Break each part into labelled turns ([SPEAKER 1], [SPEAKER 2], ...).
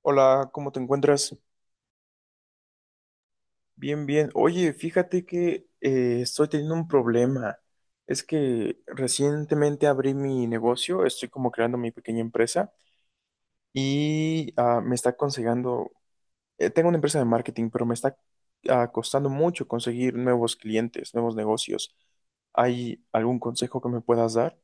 [SPEAKER 1] Hola, ¿cómo te encuentras? Bien, bien. Oye, fíjate que estoy teniendo un problema. Es que recientemente abrí mi negocio, estoy como creando mi pequeña empresa y me está consiguiendo, tengo una empresa de marketing, pero me está costando mucho conseguir nuevos clientes, nuevos negocios. ¿Hay algún consejo que me puedas dar?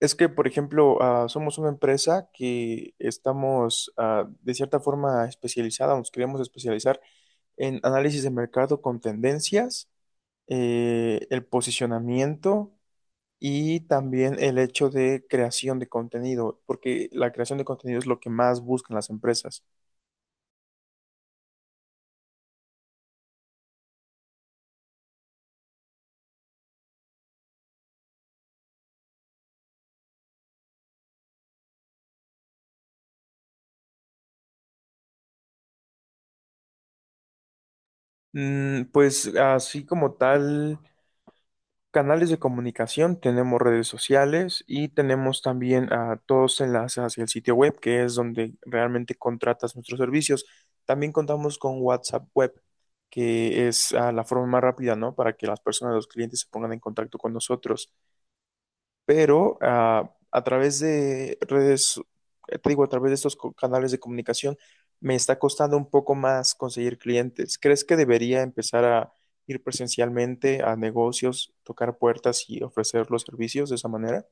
[SPEAKER 1] Es que, por ejemplo, somos una empresa que estamos de cierta forma especializada, nos queremos especializar en análisis de mercado con tendencias, el posicionamiento y también el hecho de creación de contenido, porque la creación de contenido es lo que más buscan las empresas. Mm, pues así como tal. Canales de comunicación, tenemos redes sociales y tenemos también a todos enlaces hacia el sitio web, que es donde realmente contratas nuestros servicios. También contamos con WhatsApp Web, que es la forma más rápida, ¿no? Para que las personas, los clientes se pongan en contacto con nosotros, pero a través de redes, te digo, a través de estos canales de comunicación, me está costando un poco más conseguir clientes. ¿Crees que debería empezar a ir presencialmente a negocios, tocar puertas y ofrecer los servicios de esa manera?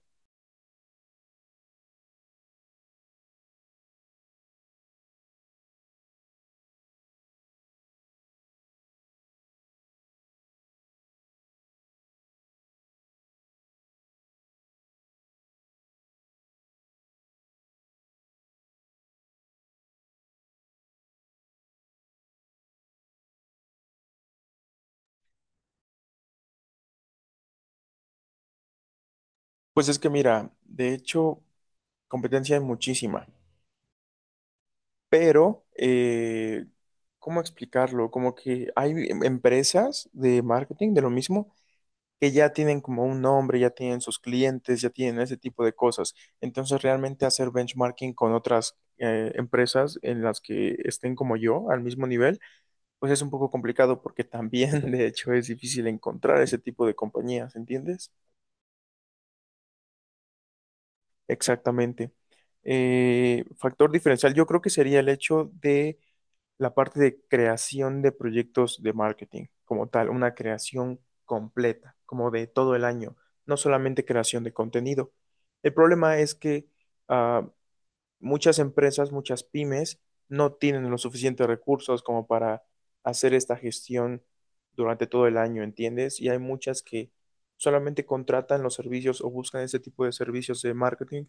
[SPEAKER 1] Pues es que mira, de hecho, competencia hay muchísima, pero ¿cómo explicarlo? Como que hay empresas de marketing de lo mismo que ya tienen como un nombre, ya tienen sus clientes, ya tienen ese tipo de cosas. Entonces, realmente hacer benchmarking con otras empresas en las que estén como yo al mismo nivel, pues es un poco complicado porque también, de hecho, es difícil encontrar ese tipo de compañías, ¿entiendes? Exactamente. Factor diferencial, yo creo que sería el hecho de la parte de creación de proyectos de marketing, como tal, una creación completa, como de todo el año, no solamente creación de contenido. El problema es que ah, muchas empresas, muchas pymes, no tienen los suficientes recursos como para hacer esta gestión durante todo el año, ¿entiendes? Y hay muchas que solamente contratan los servicios o buscan ese tipo de servicios de marketing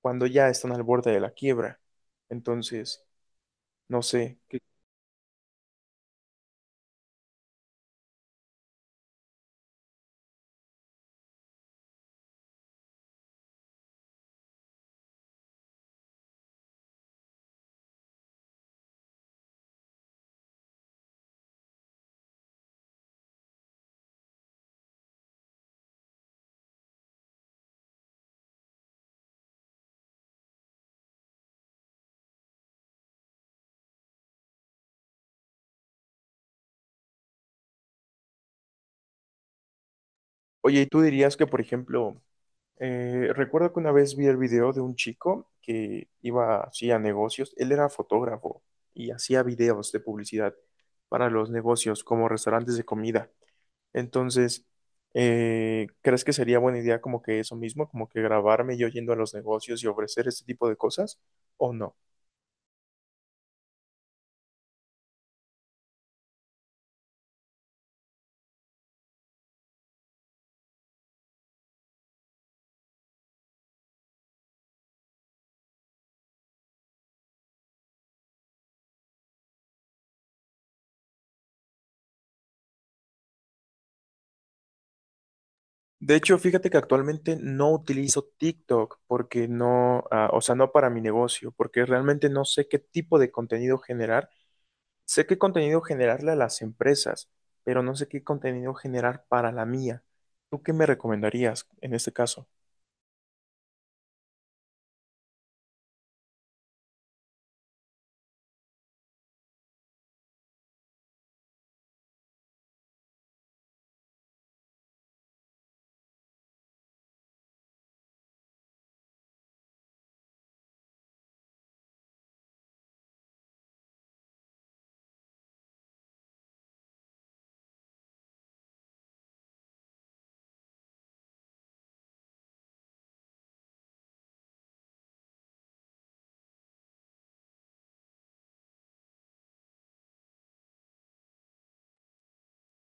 [SPEAKER 1] cuando ya están al borde de la quiebra. Entonces, no sé, qué. Oye, ¿y tú dirías que, por ejemplo, recuerdo que una vez vi el video de un chico que iba así a negocios? Él era fotógrafo y hacía videos de publicidad para los negocios como restaurantes de comida. Entonces, ¿crees que sería buena idea como que eso mismo, como que grabarme yo yendo a los negocios y ofrecer este tipo de cosas o no? De hecho, fíjate que actualmente no utilizo TikTok porque no, ah, o sea, no para mi negocio, porque realmente no sé qué tipo de contenido generar. Sé qué contenido generarle a las empresas, pero no sé qué contenido generar para la mía. ¿Tú qué me recomendarías en este caso?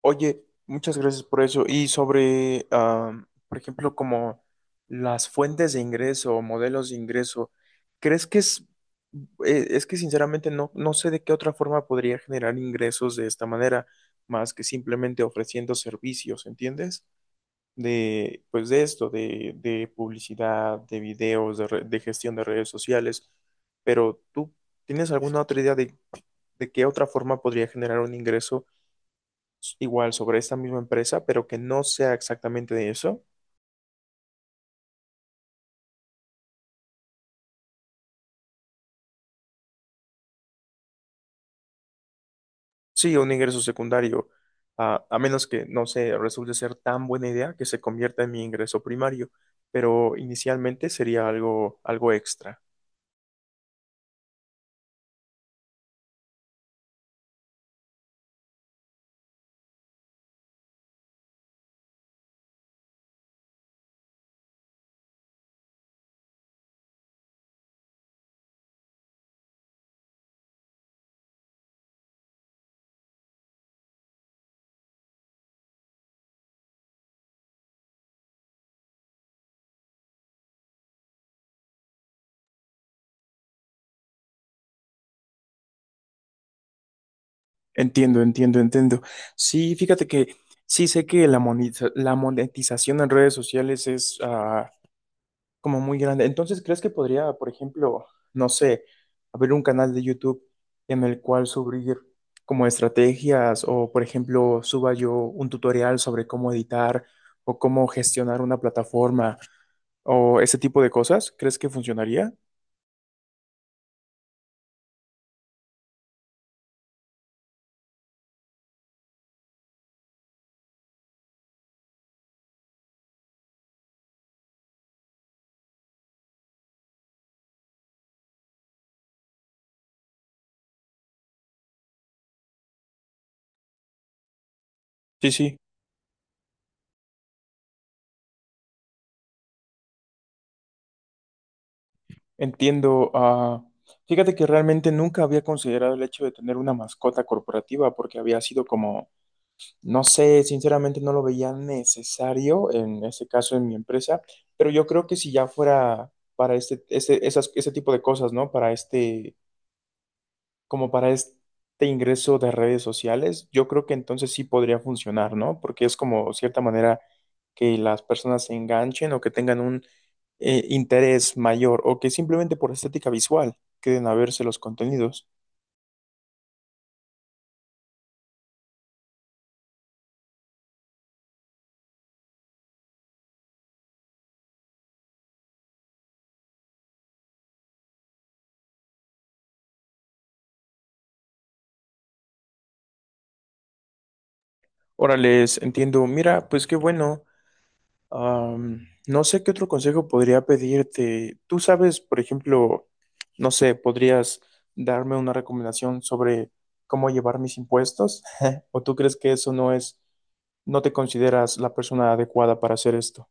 [SPEAKER 1] Oye, muchas gracias por eso. Y sobre, ah, por ejemplo, como las fuentes de ingreso o modelos de ingreso, ¿crees que es que sinceramente no, no sé de qué otra forma podría generar ingresos de esta manera, más que simplemente ofreciendo servicios, ¿entiendes? De, pues de esto, de publicidad, de videos, de, de gestión de redes sociales, pero ¿tú tienes alguna otra idea de qué otra forma podría generar un ingreso igual sobre esta misma empresa, pero que no sea exactamente de eso? Sí, un ingreso secundario, a menos que, no sé, resulte ser tan buena idea que se convierta en mi ingreso primario, pero inicialmente sería algo, algo extra. Entiendo, entiendo, entiendo. Sí, fíjate que sí sé que la monetización en redes sociales es, ah, como muy grande. Entonces, ¿crees que podría, por ejemplo, no sé, abrir un canal de YouTube en el cual subir como estrategias o, por ejemplo, suba yo un tutorial sobre cómo editar o cómo gestionar una plataforma o ese tipo de cosas? ¿Crees que funcionaría? Sí, sí. Entiendo. Ah, fíjate que realmente nunca había considerado el hecho de tener una mascota corporativa porque había sido como, no sé, sinceramente no lo veía necesario en ese caso en mi empresa, pero yo creo que si ya fuera para este, ese, esas, ese tipo de cosas, ¿no? Para este, como para este ingreso de redes sociales, yo creo que entonces sí podría funcionar, ¿no? Porque es como cierta manera que las personas se enganchen o que tengan un interés mayor o que simplemente por estética visual queden a verse los contenidos. Órales, entiendo. Mira, pues qué bueno. Am, no sé qué otro consejo podría pedirte. Tú sabes, por ejemplo, no sé, podrías darme una recomendación sobre cómo llevar mis impuestos, o tú crees que eso no es, no te consideras la persona adecuada para hacer esto.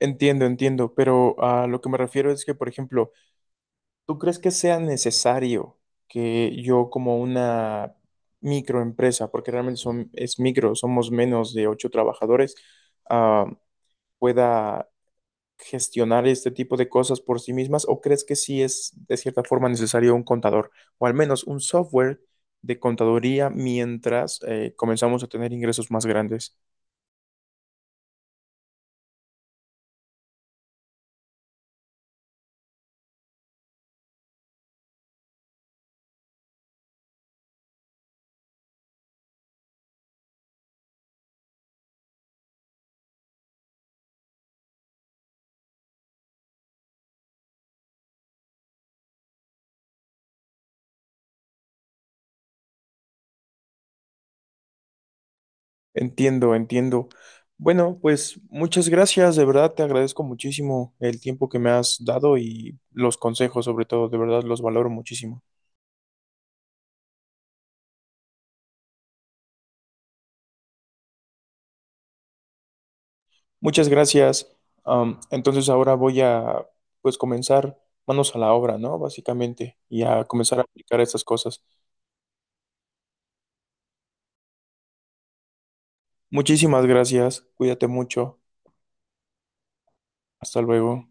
[SPEAKER 1] Entiendo, entiendo, pero a lo que me refiero es que, por ejemplo, ¿tú crees que sea necesario que yo como una microempresa, porque realmente son, es micro, somos menos de 8 trabajadores, ah, pueda gestionar este tipo de cosas por sí mismas o crees que sí es de cierta forma necesario un contador o al menos un software de contaduría mientras comenzamos a tener ingresos más grandes? Entiendo, entiendo. Bueno, pues muchas gracias, de verdad te agradezco muchísimo el tiempo que me has dado y los consejos, sobre todo, de verdad los valoro muchísimo. Muchas gracias. Am, entonces ahora voy a pues comenzar manos a la obra, ¿no? Básicamente, y a comenzar a aplicar estas cosas. Muchísimas gracias. Cuídate mucho. Hasta luego.